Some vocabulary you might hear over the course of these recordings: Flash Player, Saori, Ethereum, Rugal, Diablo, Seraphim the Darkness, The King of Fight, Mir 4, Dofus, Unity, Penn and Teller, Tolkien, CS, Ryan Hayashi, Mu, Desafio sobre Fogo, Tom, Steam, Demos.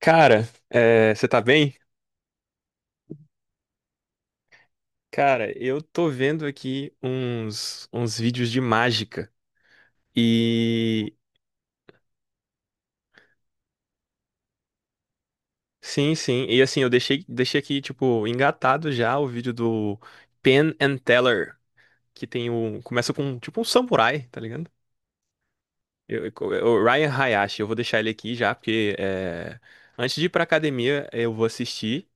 Cara, você tá bem? Cara, eu tô vendo aqui uns vídeos de mágica. E sim, sim. E assim, eu deixei aqui, tipo, engatado já o vídeo do Penn and Teller, que tem o Começa com tipo um samurai, tá ligado? O Ryan Hayashi, eu vou deixar ele aqui já, porque antes de ir pra academia, eu vou assistir.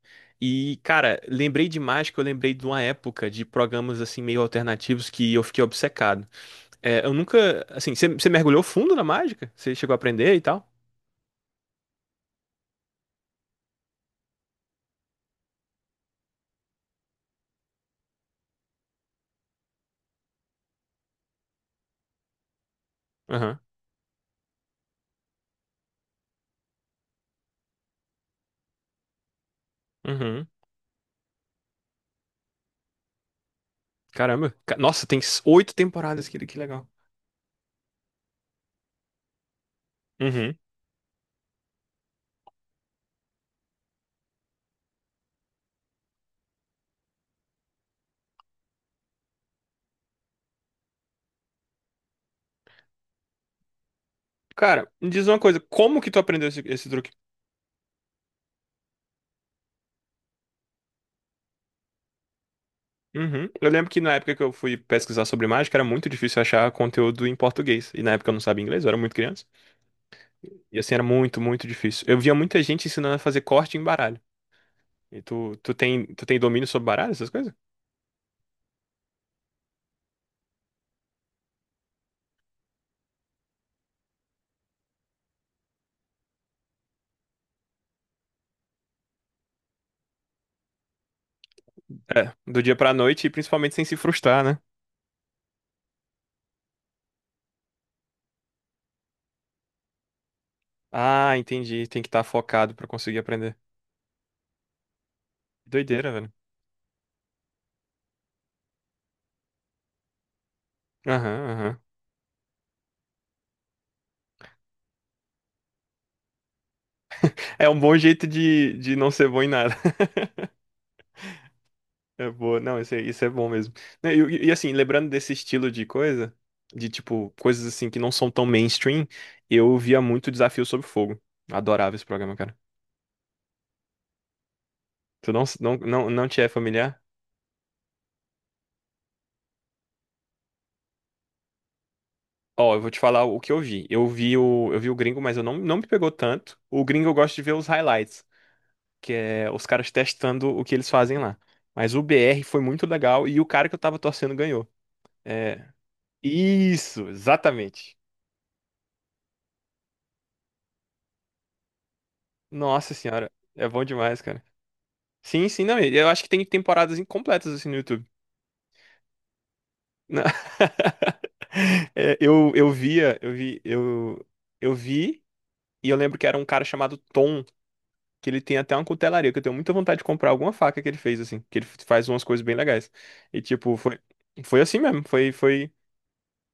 E, cara, lembrei de mágica, eu lembrei de uma época de programas assim meio alternativos que eu fiquei obcecado. Eu nunca. Assim, você mergulhou fundo na mágica? Você chegou a aprender e tal? Aham. Uhum. Caramba. Nossa, tem oito temporadas, que legal. Uhum. Cara, me diz uma coisa, como que tu aprendeu esse truque? Uhum. Eu lembro que na época que eu fui pesquisar sobre mágica, era muito difícil achar conteúdo em português. E na época eu não sabia inglês, eu era muito criança. E assim, era muito, muito difícil. Eu via muita gente ensinando a fazer corte em baralho. E tu tem domínio sobre baralho, essas coisas? É, do dia pra noite e principalmente sem se frustrar, né? Ah, entendi. Tem que estar focado pra conseguir aprender. Doideira, velho. Aham, aham. É um bom jeito de não ser bom em nada. É boa. Não, isso é bom mesmo. Né, e assim, lembrando desse estilo de coisa, de tipo, coisas assim que não são tão mainstream, eu via muito Desafio sobre Fogo. Adorava esse programa, cara. Tu não, não, não, não te é familiar? Ó, eu vou te falar o que eu vi. Eu vi o gringo, mas eu não me pegou tanto. O gringo eu gosto de ver os highlights. Que é os caras testando o que eles fazem lá. Mas o BR foi muito legal e o cara que eu tava torcendo ganhou. É, isso, exatamente. Nossa senhora, é bom demais, cara. Sim, sim, não, eu acho que tem temporadas incompletas assim no YouTube. Na- É, eu via, eu vi e eu lembro que era um cara chamado Tom, que ele tem até uma cutelaria, que eu tenho muita vontade de comprar alguma faca que ele fez assim, que ele faz umas coisas bem legais. E tipo, foi assim mesmo, foi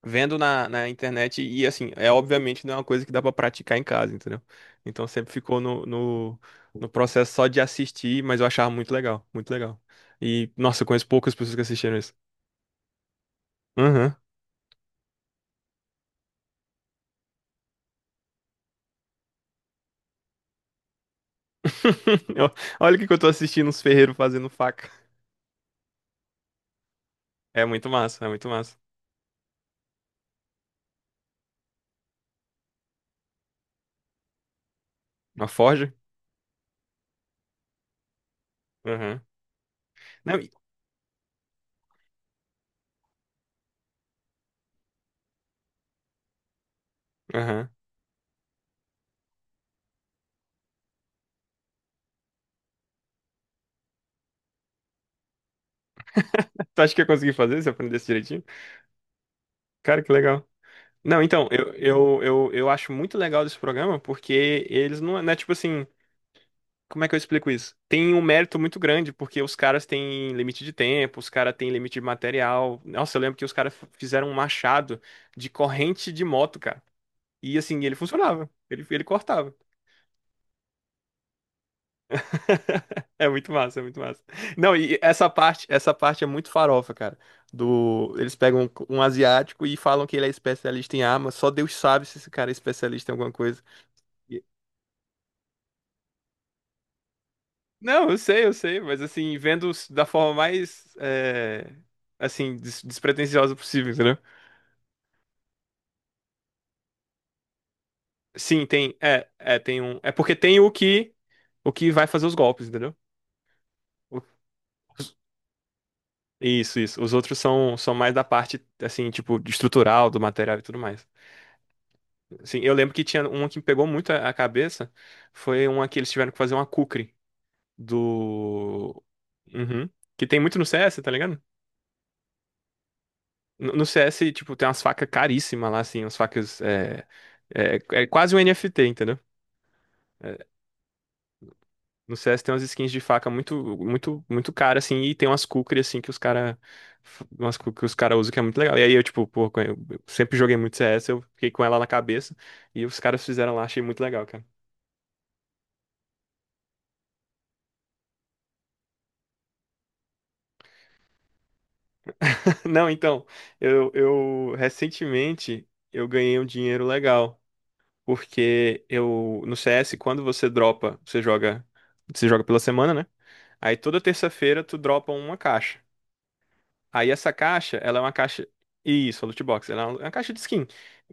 vendo na internet e assim, obviamente não é uma coisa que dá pra praticar em casa, entendeu? Então sempre ficou no processo só de assistir, mas eu achava muito legal, muito legal. E, nossa, eu conheço poucas pessoas que assistiram isso. Aham. Eu- Olha o que que eu tô assistindo, uns ferreiros fazendo faca. É muito massa, é muito massa. Uma forja? Aham. Não, aham. Tu acha que ia conseguir fazer se eu aprendesse direitinho? Cara, que legal. Não, então, eu acho muito legal desse programa porque eles não, não é tipo assim. Como é que eu explico isso? Tem um mérito muito grande, porque os caras têm limite de tempo, os caras têm limite de material. Nossa, eu lembro que os caras fizeram um machado de corrente de moto, cara. E assim, ele funcionava. Ele cortava. É muito massa, é muito massa. Não, e essa parte é muito farofa, cara. Eles pegam um asiático e falam que ele é especialista em arma. Só Deus sabe se esse cara é especialista em alguma coisa. Não, eu sei, mas assim, vendo da forma mais, assim, despretensiosa possível, entendeu? Sim, tem, tem um, é porque tem o que vai fazer os golpes, entendeu? O- os- Isso, isso. Os outros são mais da parte, assim, tipo, de estrutural, do material e tudo mais. Assim, eu lembro que tinha uma que me pegou muito a cabeça, foi uma que eles tiveram que fazer uma kukri do... Uhum. Que tem muito no CS, tá ligado? No CS, tipo, tem umas facas caríssimas lá, assim, umas facas. É quase um NFT, entendeu? É, no CS tem umas skins de faca muito, muito, muito cara, assim, e tem umas kukri, assim, que os cara. Umas kukri que os cara usam que é muito legal. E aí eu, tipo, pô, eu sempre joguei muito CS, eu fiquei com ela na cabeça, e os caras fizeram lá, achei muito legal, cara. Não, então, eu recentemente eu ganhei um dinheiro legal, porque eu, no CS, quando você dropa, você joga. Você joga pela semana, né? Aí toda terça-feira tu dropa uma caixa. Aí essa caixa, ela é uma caixa. Isso, a loot box. Ela é uma caixa de skin.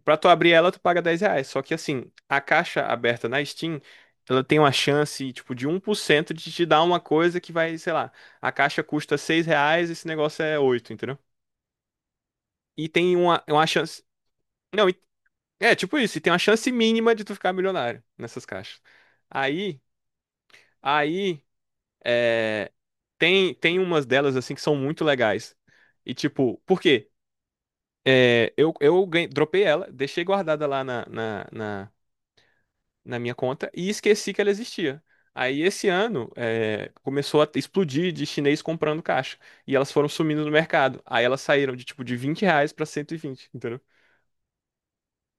Pra tu abrir ela, tu paga R$ 10. Só que assim, a caixa aberta na Steam, ela tem uma chance, tipo, de 1% de te dar uma coisa que vai, sei lá, a caixa custa R$ 6, esse negócio é 8 entendeu? E tem uma chance. Não, é tipo isso, e tem uma chance mínima de tu ficar milionário nessas caixas. Aí, aí. É, tem umas delas, assim, que são muito legais. E, tipo, por quê? Dropei ela, deixei guardada lá na minha conta e esqueci que ela existia. Aí, esse ano, começou a explodir de chinês comprando caixa. E elas foram sumindo no mercado. Aí, elas saíram de, tipo, de R$ 20 pra 120 entendeu?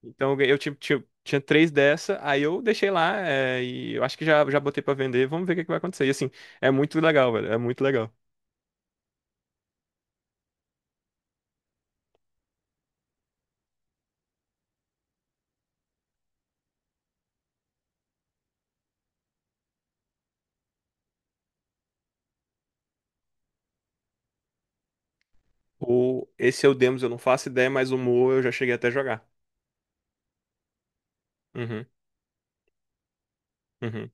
Então, eu tinha três dessa, aí eu deixei lá, e eu acho que já botei pra vender. Vamos ver o que é que vai acontecer. E, assim, é muito legal, velho. É muito legal. Esse é o Demos, eu não faço ideia, mas o Mu eu já cheguei até a jogar. Uhum, uhum.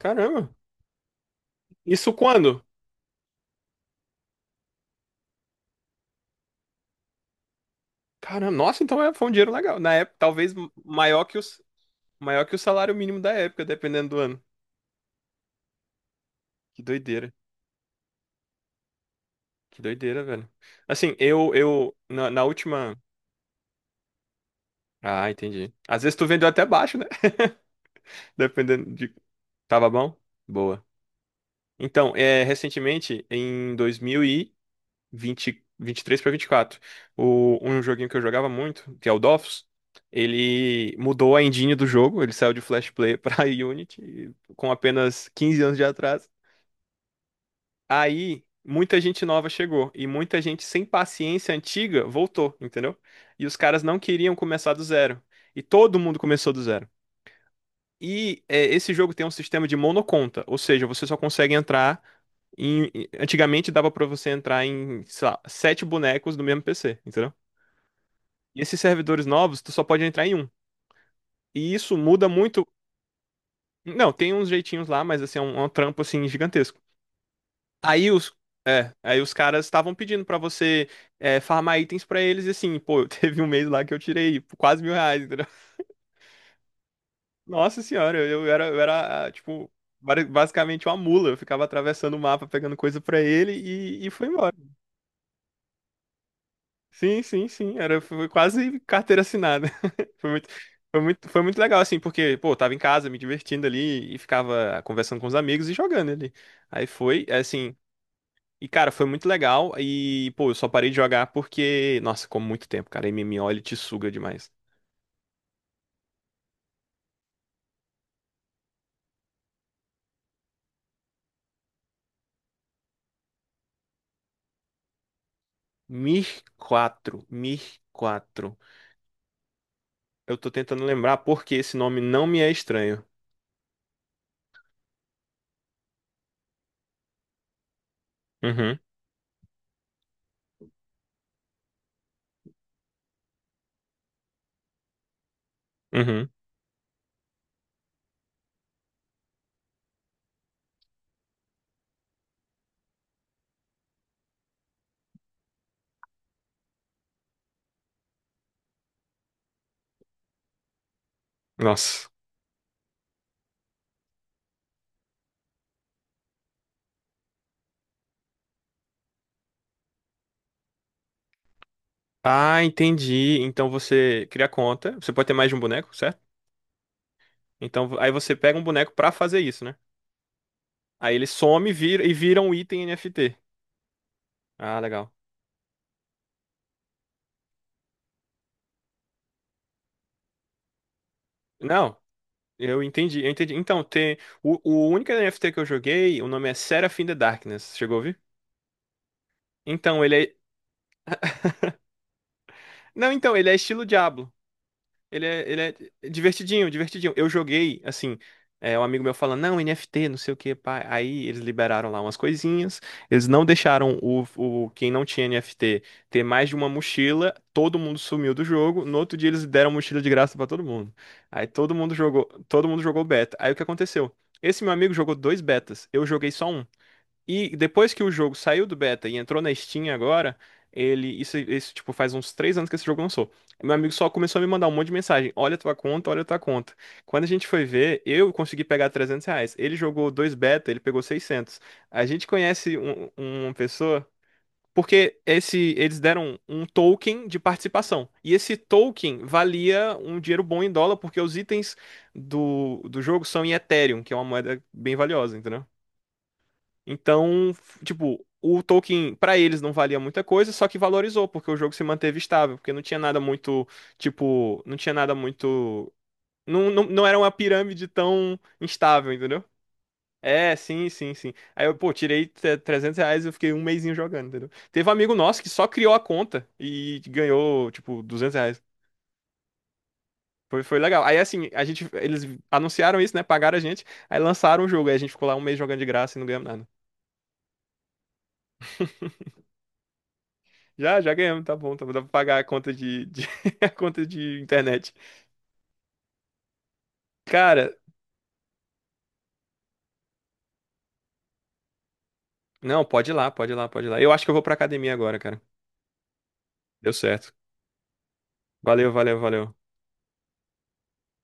Caramba, isso quando? Caramba, nossa, então foi um dinheiro legal. Na época, talvez maior que os... maior que o salário mínimo da época, dependendo do ano. Que doideira, que doideira, velho. Assim, na última. Ah, entendi. Às vezes tu vendeu até baixo, né? Dependendo de. Tava bom? Boa. Então, recentemente, em 2000 e vinte e três para vinte e quatro. Um joguinho que eu jogava muito, que é o Dofus, ele mudou a engine do jogo, ele saiu de Flash Player para Unity com apenas 15 anos de atraso. Aí muita gente nova chegou e muita gente sem paciência antiga voltou, entendeu? E os caras não queriam começar do zero. E todo mundo começou do zero. E esse jogo tem um sistema de monoconta, ou seja, você só consegue Antigamente dava pra você entrar em, sei lá, sete bonecos do mesmo PC, entendeu? E esses servidores novos, tu só pode entrar em um. E isso muda muito. Não, tem uns jeitinhos lá, mas assim, é um trampo assim gigantesco. Aí os, aí os caras estavam pedindo pra você farmar itens pra eles, e assim, pô, teve um mês lá que eu tirei quase R$ 1.000. Nossa senhora, eu era, ah, tipo, basicamente uma mula. Eu ficava atravessando o mapa, pegando coisa pra ele e foi embora. Sim, sim, sim. Era, foi quase carteira assinada. Foi muito, foi muito legal, assim, porque, pô, eu tava em casa me divertindo ali e ficava conversando com os amigos e jogando ali. Aí foi, assim. E, cara, foi muito legal. E, pô, eu só parei de jogar porque, nossa, como muito tempo, cara. MMO, ele te suga demais. Mir 4, Mir 4. Eu tô tentando lembrar porque esse nome não me é estranho. Uhum, uhum. Nossa. Ah, entendi. Então você cria conta. Você pode ter mais de um boneco, certo? Então aí você pega um boneco pra fazer isso, né? Aí ele some e vira um item NFT. Ah, legal. Não, eu entendi, eu entendi. Então, tem. O único NFT que eu joguei, o nome é Seraphim the Darkness. Chegou a ouvir? Então, ele é. Não, então, ele é estilo Diablo. Ele é divertidinho, divertidinho. Eu joguei, assim, um amigo meu falando, não, NFT, não sei o que, pá. Aí eles liberaram lá umas coisinhas. Eles não deixaram o quem não tinha NFT ter mais de uma mochila. Todo mundo sumiu do jogo. No outro dia eles deram mochila de graça pra todo mundo. Aí todo mundo jogou beta. Aí o que aconteceu? Esse meu amigo jogou dois betas. Eu joguei só um. E depois que o jogo saiu do beta e entrou na Steam agora, ele. Isso, tipo, faz uns 3 anos que esse jogo lançou. Meu amigo só começou a me mandar um monte de mensagem. Olha a tua conta, olha a tua conta. Quando a gente foi ver, eu consegui pegar R$ 300. Ele jogou dois beta, ele pegou 600. A gente conhece uma pessoa. Porque eles deram um token de participação. E esse token valia um dinheiro bom em dólar, porque os itens do jogo são em Ethereum, que é uma moeda bem valiosa, entendeu? Então, tipo, o Tolkien pra eles não valia muita coisa, só que valorizou, porque o jogo se manteve estável, porque não tinha nada muito, tipo, não tinha nada muito, não era uma pirâmide tão instável, entendeu? É, sim, sim, sim. Aí eu, pô, tirei R$ 300 e eu fiquei um mesinho jogando, entendeu? Teve um amigo nosso que só criou a conta e ganhou, tipo, R$ 200. Foi legal. Aí, assim, eles anunciaram isso, né? Pagaram a gente, aí lançaram o jogo. Aí a gente ficou lá um mês jogando de graça e não ganhamos nada. Já ganhamos, tá bom, tá bom. Dá pra pagar a conta de- a conta de internet. Cara, não, pode ir lá, pode ir lá, pode ir lá. Eu acho que eu vou pra academia agora, cara. Deu certo. Valeu, valeu, valeu.